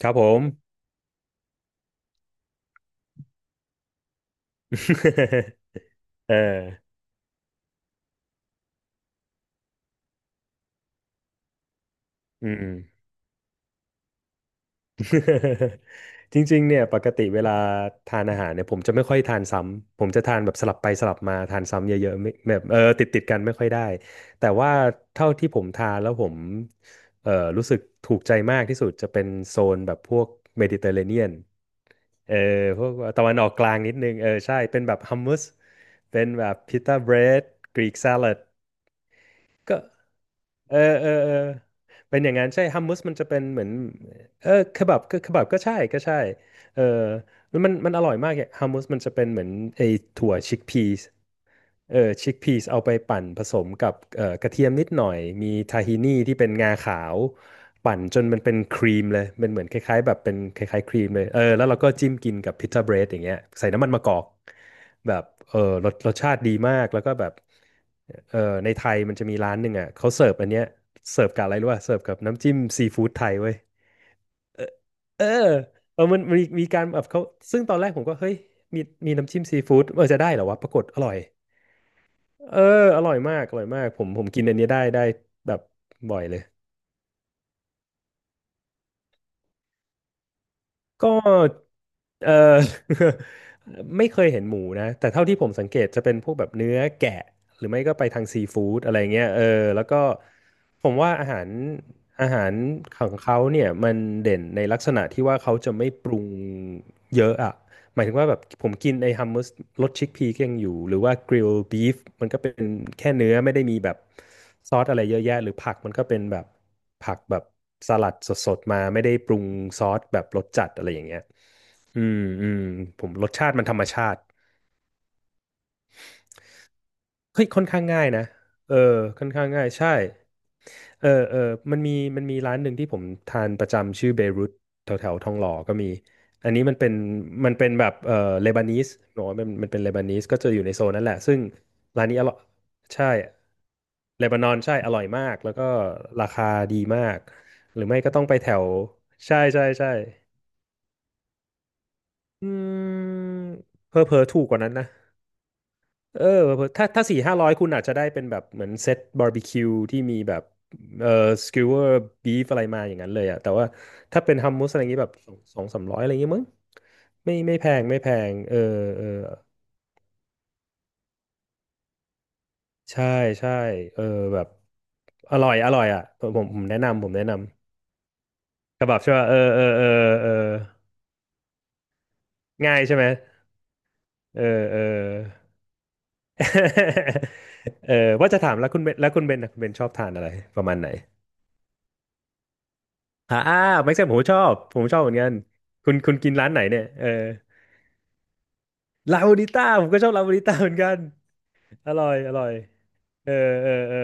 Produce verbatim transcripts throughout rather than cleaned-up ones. ครับผม เอออืม จริงๆเนี่ยปกติเวลาทานอาหารเนี่ยผมจะไม่ค่อยทานซ้ำผมจะทานแบบสลับไปสลับมาทานซ้ำเยอะๆไม่แบบเออติดติดกันไม่ค่อยได้แต่ว่าเท่าที่ผมทานแล้วผมเออรู้สึกถูกใจมากที่สุดจะเป็นโซนแบบพวกเมดิเตอร์เรเนียนเออพวกตะวันออกกลางนิดนึงเออใช่เป็นแบบฮัมม u สเป็นแบบพิต้าเบรดกรีก s ลัด ก็เออเออเออเป็นอย่างนั้นใช่ฮัมมัสมันจะเป็นเหมือนเออเคบับก็เคบับก็ใช่ก็ใช่เออ แล้วมันมันอร่อยมากเนี่ยฮัมมูสมันจะเป็นเหมือนไอถั่วชิคพีสเออชิคพีสเอาไปปั่นผสมกับเอ่อกระเทียมนิดหน่อยมีทาฮินี่ที่เป็นงาขาวปั่นจนมันเป็นครีมเลยเป็นเหมือนคล้ายๆแบบเป็นคล้ายๆครีมเลยเออแล้วเราก็จิ้มกินกับพิ t ซ a เบรดอย่างเงี้ยใส่น้ำมันมะกอกแบบเออรสรสชาติดีมากแล้วก็แบบเออในไทยมันจะมีร้านหนึ่งอ่ะเขาเสิร์ฟอันเนี้ยเสิร์ฟกับอะไรรู้ป่ะเสิร์ฟกับน้ำจิ้มซีฟู้ดไทยเว้ย เออเออมันมีมีการแบบเขาซึ่งตอนแรกผมก็เฮ้ยมีมีน้ำจิ้มซีฟู้ดเออจะได้เหรอวะปรากฏอร่อยเอออร่อยมากอร่อยมากผมผมกินอันนี้ได้ได้แบบบ่อยเลยก็เออ ไม่เคยเห็นหมูนะแต่เท่าที่ผมสังเกตจะเป็นพวกแบบเนื้อแกะหรือไม่ก็ไปทางซีฟู้ดอะไรเงี้ยเออแล้วก็ผมว่าอาหารอาหารของเขาเนี่ยมันเด่นในลักษณะที่ว่าเขาจะไม่ปรุงเยอะอ่ะ หมายถึงว่าแบบผมกินไอ้ฮัมมัสรสชิคพีก็ยังอยู่หรือว่ากริลบีฟมันก็เป็นแค่เนื้อไม่ได้มีแบบซอสอะไรเยอะแยะหรือผักมันก็เป็นแบบผักแบบสลัดสดๆมาไม่ได้ปรุงซอสแบบรสจัดอะไรอย่างเงี้ยอืมอืมผมรสชาติมันธรรมชาติเฮ้ยค่อนข้างง่ายนะเออค่อนข้างง่ายใช่ เออเออมันมีมันมีร้านหนึ่งที่ผมทานประจำชื่อเบรุตแถวแถวทองหล่อก็มีอันนี้มันเป็นมันเป็นแบบเออเลบานีสเนาะมันมันเป็นเลบานีสก็จะอยู่ในโซนนั่นแหละซึ่งร้านนี้อร่อยใช่เลบานอนใช่อร่อยมากแล้วก็ราคาดีมากหรือไม่ก็ต้องไปแถวใช่ใช่ใช่อืมเพอเพอๆถูกกว่านั้นนะ เออถ้าถ้าสี่ห้าร้อยคุณอาจจะได้เป็นแบบเหมือนเซตบาร์บีคิวที่มีแบบเออสก e วเวอร์บีฟอะไรมาอย่างนั้นเลยอะแต่ว่าถ้าเป็นฮัมมูสอะไรอย่างงี้แบบสองสามร้อยอะไรอย่างงี้มั้งไม่ไม่แพงไม่แพงเออเออใช่ใช่เออแบบอร่อยอร่อยอ่ะผมผมผมแนะนำผมแนะนำกระบับใช่ป่ะเออเออเออเออง่ายใช่ไหมเออเออ เออว่าจะถามแล้วคุณเบนแล้วคุณเบนนะคุณเบนชอบทานอะไรประมาณไหน อ่าแม็กซ์ผมชอบผมชอบเหมือนกันคุณคุณกินร้านไหนเนี่ยเออลาบูดิต้าผมก็ชอบลาบูดิต้าเหมือนกันอร่อยอร่อยเออเออเออ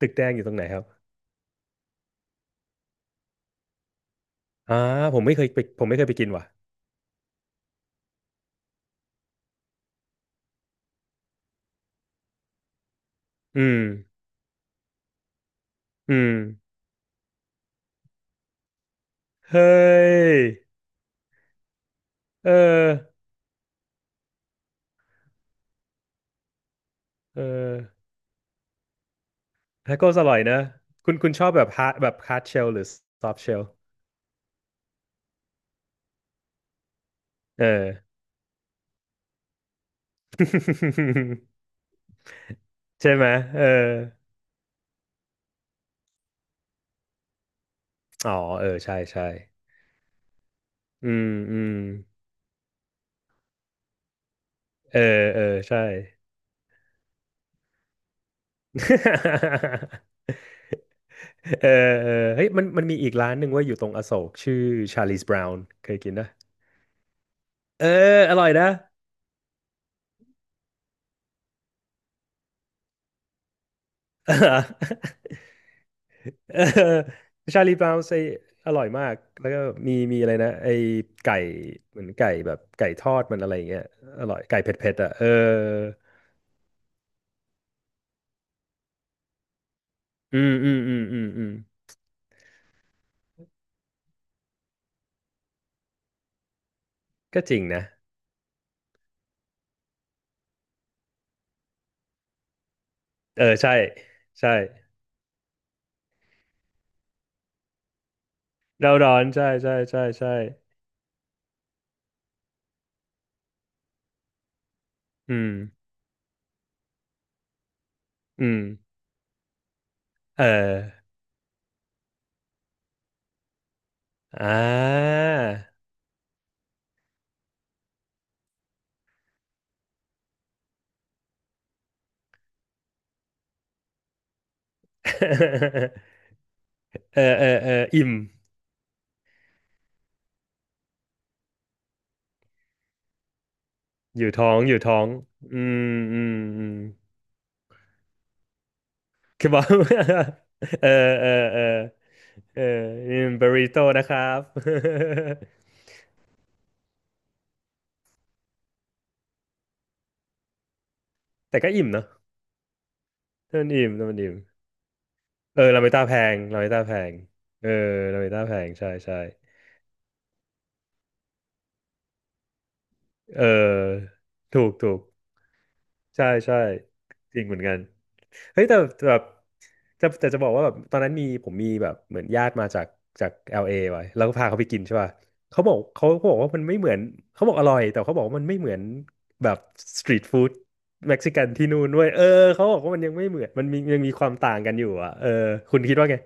ตึกแดงอยู่ตรงไหนครับอ่าผมไม่เคยไปผมไม่เคยไปกินว่ะอืมอืมเฮ้ยเออเออทาโก้อร่อยนะคุณคุณชอบแบบฮาร์ดแบบฮาร์ดเชลหรือซอฟ t ์เชลเออ ใช่ไหมเอออ๋อเออใช่ใช่อืมอืมเออเออใช่ เออเออเฮ้ยมันมันมีอีกร้านหนึ่งเว่าอยู่ตรงอโศกชื่อชาลีสบราวน์เคยกินนะเอออร่อยนะ เออชาลีบราวน์ไออร่อยมากแล้วก็มีมีอะไรนะไอไก่เหมือนไก่แบบไก่ทอดมันอะไรอย่างเงี้ยอร่อยไก่เผ็ดๆอ่ะเอออืมอืมอืมอืมอืมก็จริงนะเออใช่ใช่เราร้อนใช่ใช่ใช่ใช่อืมอืมเอออ่า เออเออเอออิ่มอยู่ท้องอยู่ท้องอืมอืมอืมคือบอก เออเออเออเออนี่บาริโต้นะครับ แต่ก็อิ่มเนาะถ้ามันอิ่มถ้ามันอิ่มเออลาเมต้าแพงลาเมต้าแพงเออลาเมต้าแพงใช่ใช่เออถูกถูก ใช่ใช่จริงเหมือนกันเฮ้ยแต่แต่แบบจะแต่จะบอกว่าแบบตอนนั้นมีผมมีแบบเหมือนญาติมาจากจาก l อลเอไว้แล้วก็พาเขาไปกินใช่ป่ะเขาบอกเขาเขาบอกว่ามันไม่เหมือนเขาบอกอร่อยแต่เขาบอกว่ามันไม่เหมือนแบบสตรีทฟู้ดเม็กซิกันที่นู่นด้วยเออเขาบอกว่ามันยังไม่เหมือนมันมียังมีความต่างกันอยู่อ่ะเออคุณคิดว่าไง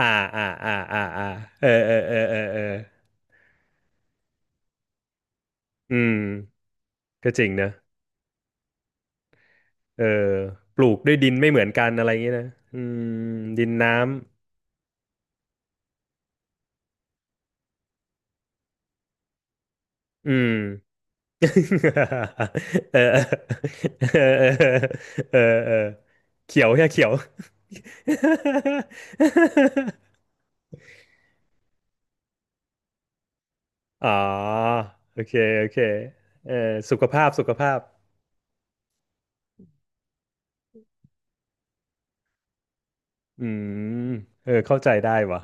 อ่าอ่าอ่าอ่าอ่าเออเออเออเออเอออืมก็จริงนะเออปลูกด้วยดินไม่เหมือนกันอะไรอย่างเงี้ยนะอืมดินน้ำ อืม เออเออเออเออเออเขียวแค่เขียวอ๋อโอเคโอเคเออสุขภาพสุขภาพอืมเออเข้าใจได้วะ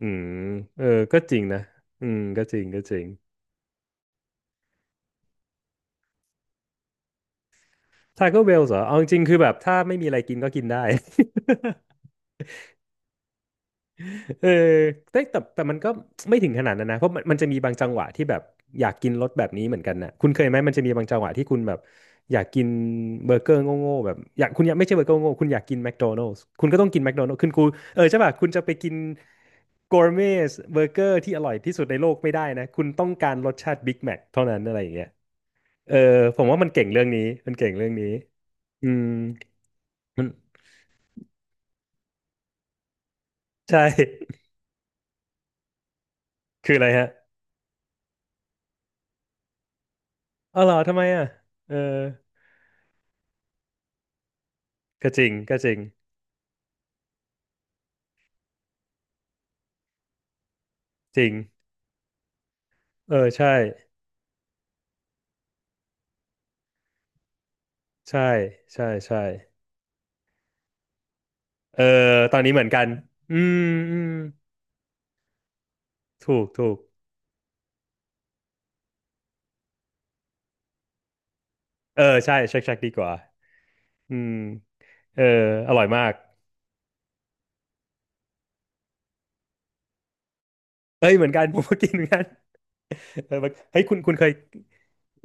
อืมเออก็จริงนะอืมก็จริงก็จริงทาโก้เบลเหรอเอาจริงๆคือแบบถ้าไม่มีอะไรกินก็กินได้ เออแต่แต่แต่มันก็ไม่ถึงขนาดนั้นนะเพราะมันมันจะมีบางจังหวะที่แบบอยากกินรสแบบนี้เหมือนกันนะคุณเคยไหมมันจะมีบางจังหวะที่คุณแบบอยากกินเบอร์เกอร์โง่ๆแบบอยากคุณอยากไม่ใช่เบอร์เกอร์โง่ๆคุณอยากกินแมคโดนัล s ์คุณก็ต้องกินแมคโดนัล s ์คุณกูเออใช่ป่ะคุณจะไปกินกอร์เมสเบอร์เกอร์ที่อร่อยที่สุดในโลกไม่ได้นะคุณต้องการรสชาติบิ๊กแมคเท่านั้นอะไรอย่างเงี้ยเออผมว่ามันเก่งเรื่องนี้มันเก่งเรื่องนี้อืมมันใช่ คืออะไรฮะอ๋อเหรอทำไมอ่ะเออก็จริงก็จริง จริง เออใช่ใช่ใช่ใช่เออตอนนี้เหมือนกัน อืมอืมถูกถูกเออใช่ชักชักดีกว่าอืมเอออร่อยมากเอ้ยเหมือนกันผมก็กินเหมือนกัน เออเฮ้ยคุณคุณเคย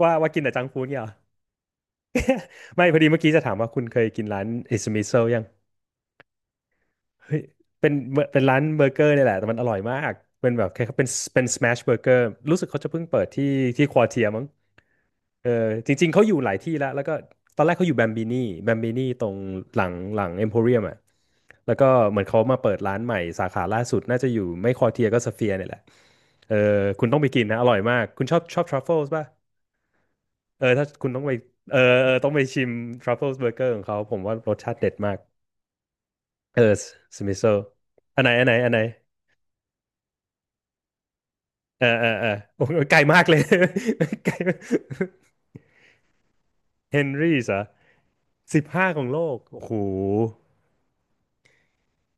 ว่าว่ากินแต่จังก์ฟู้ดเนี่ยเหรอไม่พอดีเมื่อกี้จะถามว่าคุณเคยกินร้านอิสมิโซยังเฮ้ยเป็นเป็นร้านเบอร์เกอร์เนี่ยแหละแต่มันอร่อยมากเป็นแบบคล้ายๆเป็นเป็นสแมชเบอร์เกอร์รู้สึกเขาจะเพิ่งเปิดที่ที่ควอเทียมั้ง เออจริงๆเขาอยู่หลายที่แล้ว แล้วก็ตอนแรกเขาอยู่แบมบินี่แบมบินี่ตรงหลังหลังเอ็มโพเรียมอ่ะ แล้วก็เหมือนเขามาเปิดร้านใหม่สาขาล่าสุดน่าจะอยู่ไม่คอเทียก็สเฟียร์เนี่ยแหละเออคุณต้องไปกินนะอร่อยมากคุณชอบชอบทรัฟเฟิลส์ป่ะเออถ้าคุณต้องไปเออเออต้องไปชิมทรัฟเฟิลส์เบอร์เกอร์ของเขาผมว่ารสชาติเด็ดมากเออสมิโซอันไหนอันไหนอันไหนเออเออเออโอ้โหไกลมากเลย ไกลเฮนรี่สอะสิบห้าของโลกโอ้โห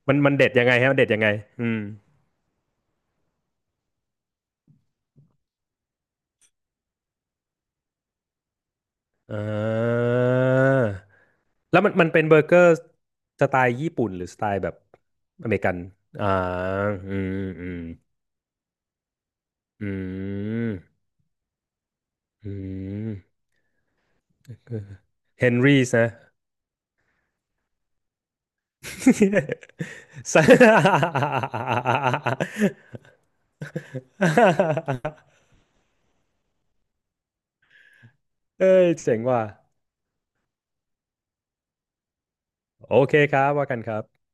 มันมันเด็ดยังไงฮะมันเด็ดยังไงอืมอ่าแล้วมันมันเป็นเบอร์เกอร์สไตล์ญี่ปุ่นหรือสไตล์แบบอเมริกันอ่าอืมอืมอืมอืมเฮนรี่นะ ส เอ้ยเจ๋งว่ะโอเคครับว่ากันครับ